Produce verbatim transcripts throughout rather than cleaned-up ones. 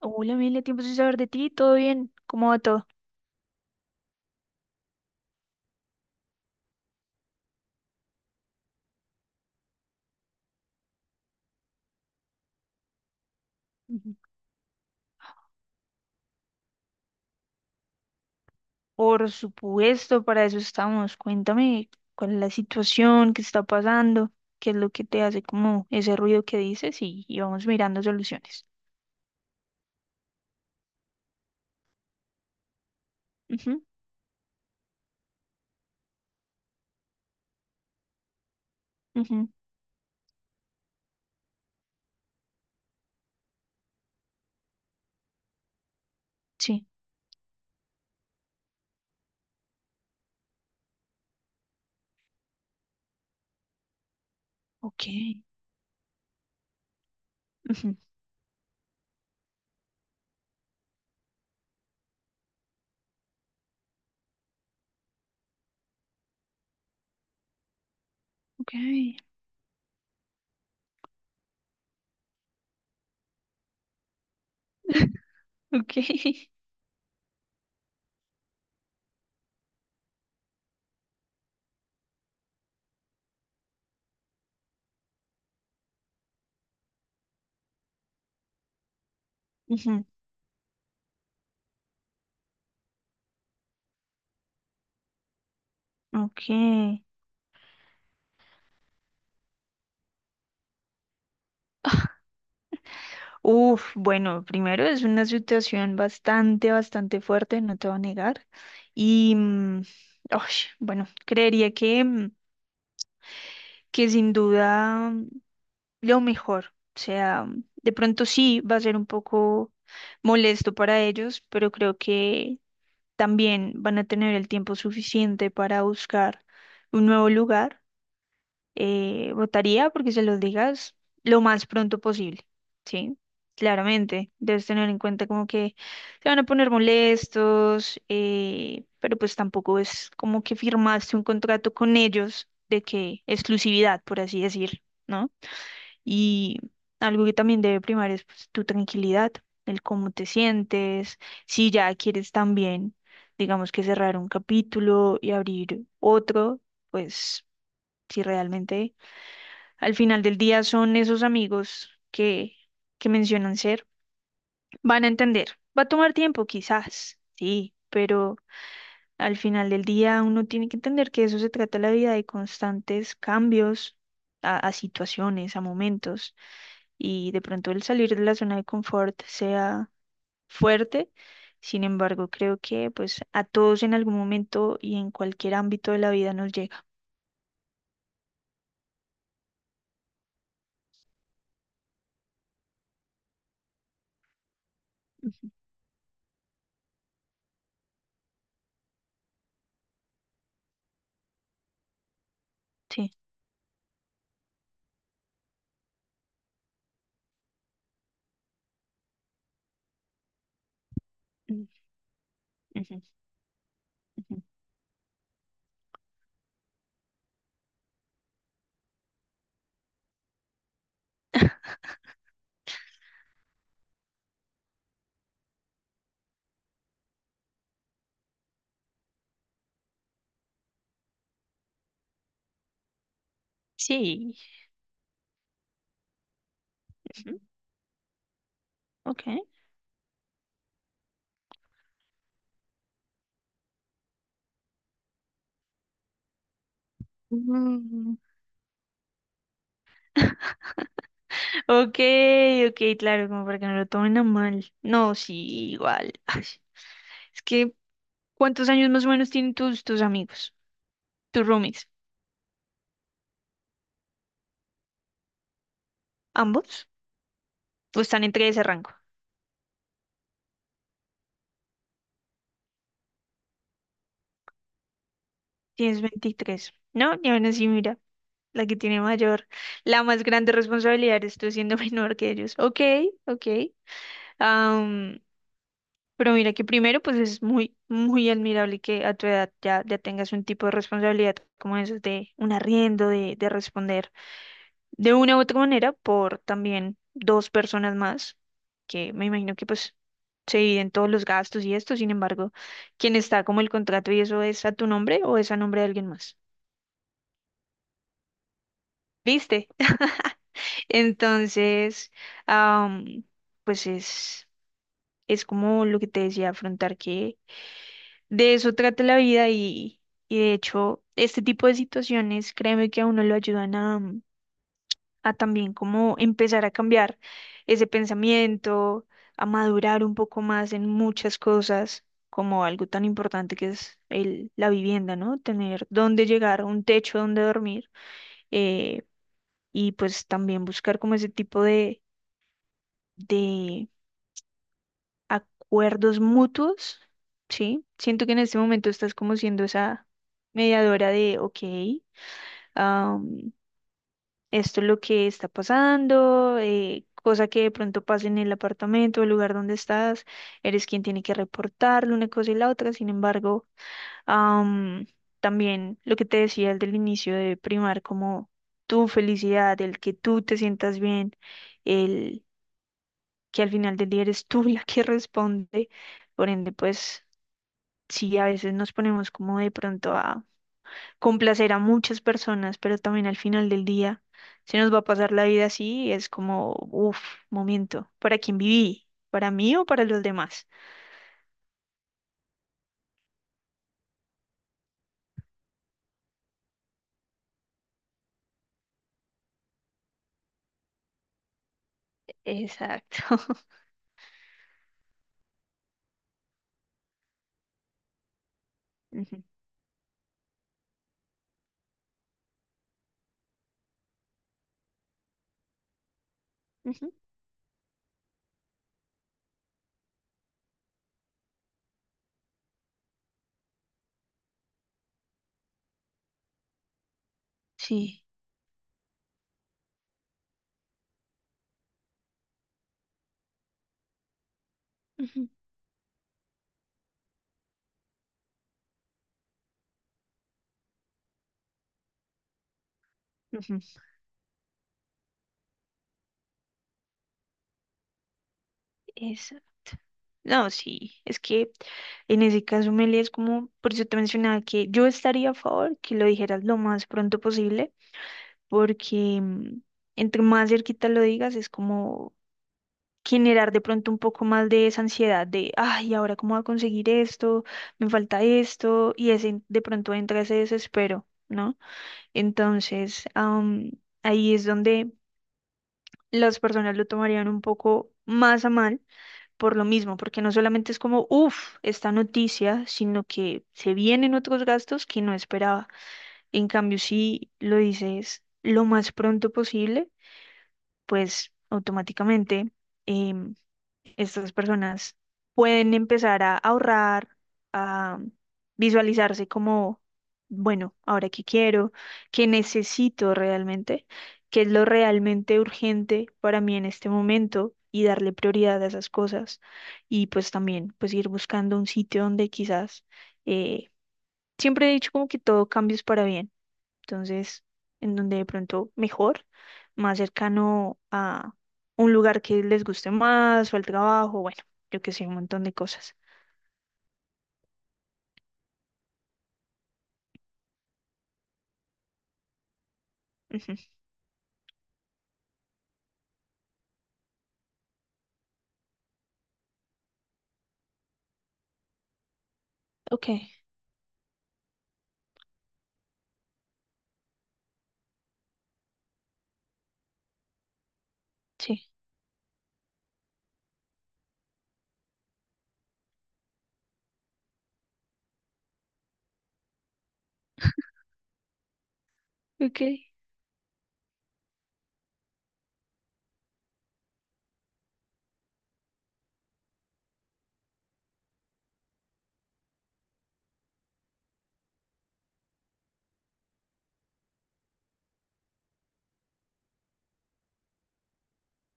Hola, Emilia, tiempo sin saber de ti, ¿todo bien? ¿Cómo va todo? Ujú. Por supuesto, para eso estamos. Cuéntame cuál es la situación, qué está pasando, qué es lo que te hace como ese ruido que dices y, y vamos mirando soluciones. Ujú, ujú, sí, ok, ujú, ok, ok, ujú, ok. Uf, bueno, primero es una situación bastante, bastante fuerte, no te voy a negar. Y, mm, ay, bueno, creería que... mm, que sin duda mm, lo mejor. O sea, de pronto sí va a ser un poco molesto para ellos, pero creo que también van a tener el tiempo suficiente para buscar un nuevo lugar. Eh, votaría porque se los digas lo más pronto posible, ¿sí? Claramente, debes tener en cuenta como que se van a poner molestos, eh, pero pues tampoco es como que firmaste un contrato con ellos de que exclusividad, por así decir, ¿no? Y algo que también debe primar es pues, tu tranquilidad, el cómo te sientes, si ya quieres también, digamos que cerrar un capítulo y abrir otro, pues si realmente al final del día son esos amigos que, que mencionan ser. Van a entender. Va a tomar tiempo, quizás, sí, pero al final del día uno tiene que entender que eso se trata la vida de constantes cambios a, a situaciones, a momentos, y de pronto el salir de la zona de confort sea fuerte. Sin embargo, creo que pues a todos en algún momento y en cualquier ámbito de la vida nos llega. Ujú, sí. Ujú, ujú, ujú. Sí. Ujú, ok. Mm. Ok, ok, claro, como para que no lo tomen a mal. No, sí, igual. Ay, es que, ¿cuántos años más o menos tienen tus, tus amigos, tus roomies? ¿Ambos? ¿O están entre ese rango? Tienes veintitrés, ¿no? Y aún así, mira, la que tiene mayor, la más grande responsabilidad es tú siendo menor que ellos. Ok, ok. Pero mira que primero, pues es muy, muy admirable que a tu edad ya, ya tengas un tipo de responsabilidad como eso de un arriendo, de, de responder de una u otra manera por también dos personas más, que me imagino que pues se dividen todos los gastos y esto, sin embargo, quien está como el contrato y eso es a tu nombre o es a nombre de alguien más. ¿Viste? Entonces, am, pues es, es como lo que te decía, afrontar que de eso trata la vida y, y de hecho este tipo de situaciones, créeme que a uno lo ayudan a, mm, a también como empezar a cambiar ese pensamiento, a madurar un poco más en muchas cosas, como algo tan importante que es el, la vivienda, ¿no? Tener dónde llegar, un techo donde dormir. eh, y pues también buscar como ese tipo de, de acuerdos mutuos, ¿sí? Siento que en este momento estás como siendo esa mediadora de, ok, am, esto es lo que está pasando, eh, cosa que de pronto pase en el apartamento, el lugar donde estás, eres quien tiene que reportarle una cosa y la otra, sin embargo, am, también lo que te decía desde el inicio de primar como tu felicidad, el que tú te sientas bien, el que al final del día eres tú la que responde, por ende, pues sí, a veces nos ponemos como de pronto a complacer a muchas personas, pero también al final del día se nos va a pasar la vida así, y es como, uff, momento, ¿para quién viví? ¿Para mí o para los demás? Exacto. Ujú, ujú, sí. Ujú, ujú, exacto. No, sí, es que en ese caso, Meli, es como, por eso te mencionaba que yo estaría a favor que lo dijeras lo más pronto posible, porque mm, entre más cerquita lo digas, es como generar de pronto un poco más de esa ansiedad de, ay, ¿ahora cómo voy a conseguir esto? Me falta esto, y ese, de pronto entra ese desespero, ¿no? Entonces, am, ahí es donde las personas lo tomarían un poco más a mal por lo mismo, porque no solamente es como, uff, esta noticia, sino que se vienen otros gastos que no esperaba. En cambio, si lo dices lo más pronto posible, pues automáticamente... em, estas personas pueden empezar a ahorrar, a visualizarse como, bueno, ahora qué quiero, qué necesito realmente, qué es lo realmente urgente para mí en este momento y darle prioridad a esas cosas y pues también pues ir buscando un sitio donde quizás eh, siempre he dicho como que todo cambio es para bien entonces, en donde de pronto mejor, más cercano a un lugar que les guste más o al trabajo, bueno, yo que sé, un montón de cosas. Ujú. Ok, sí. Ok.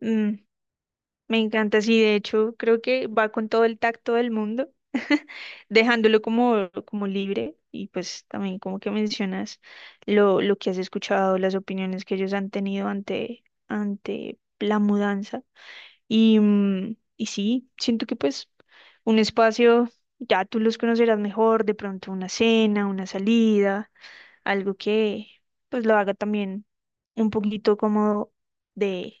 Mm, me encanta, sí, de hecho, creo que va con todo el tacto del mundo, dejándolo como, como libre y pues también como que mencionas lo, lo que has escuchado, las opiniones que ellos han tenido ante, ante la mudanza. Y, mm, y sí, siento que pues un espacio, ya tú los conocerás mejor, de pronto una cena, una salida, algo que pues lo haga también un poquito como de,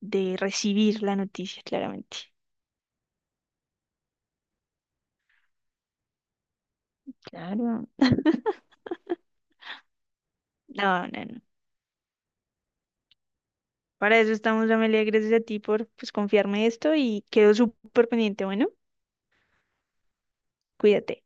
de recibir la noticia, claramente. Claro. No, no, no. Para eso estamos, Amelia, gracias a ti por pues confiarme esto y quedo súper pendiente. Bueno, cuídate.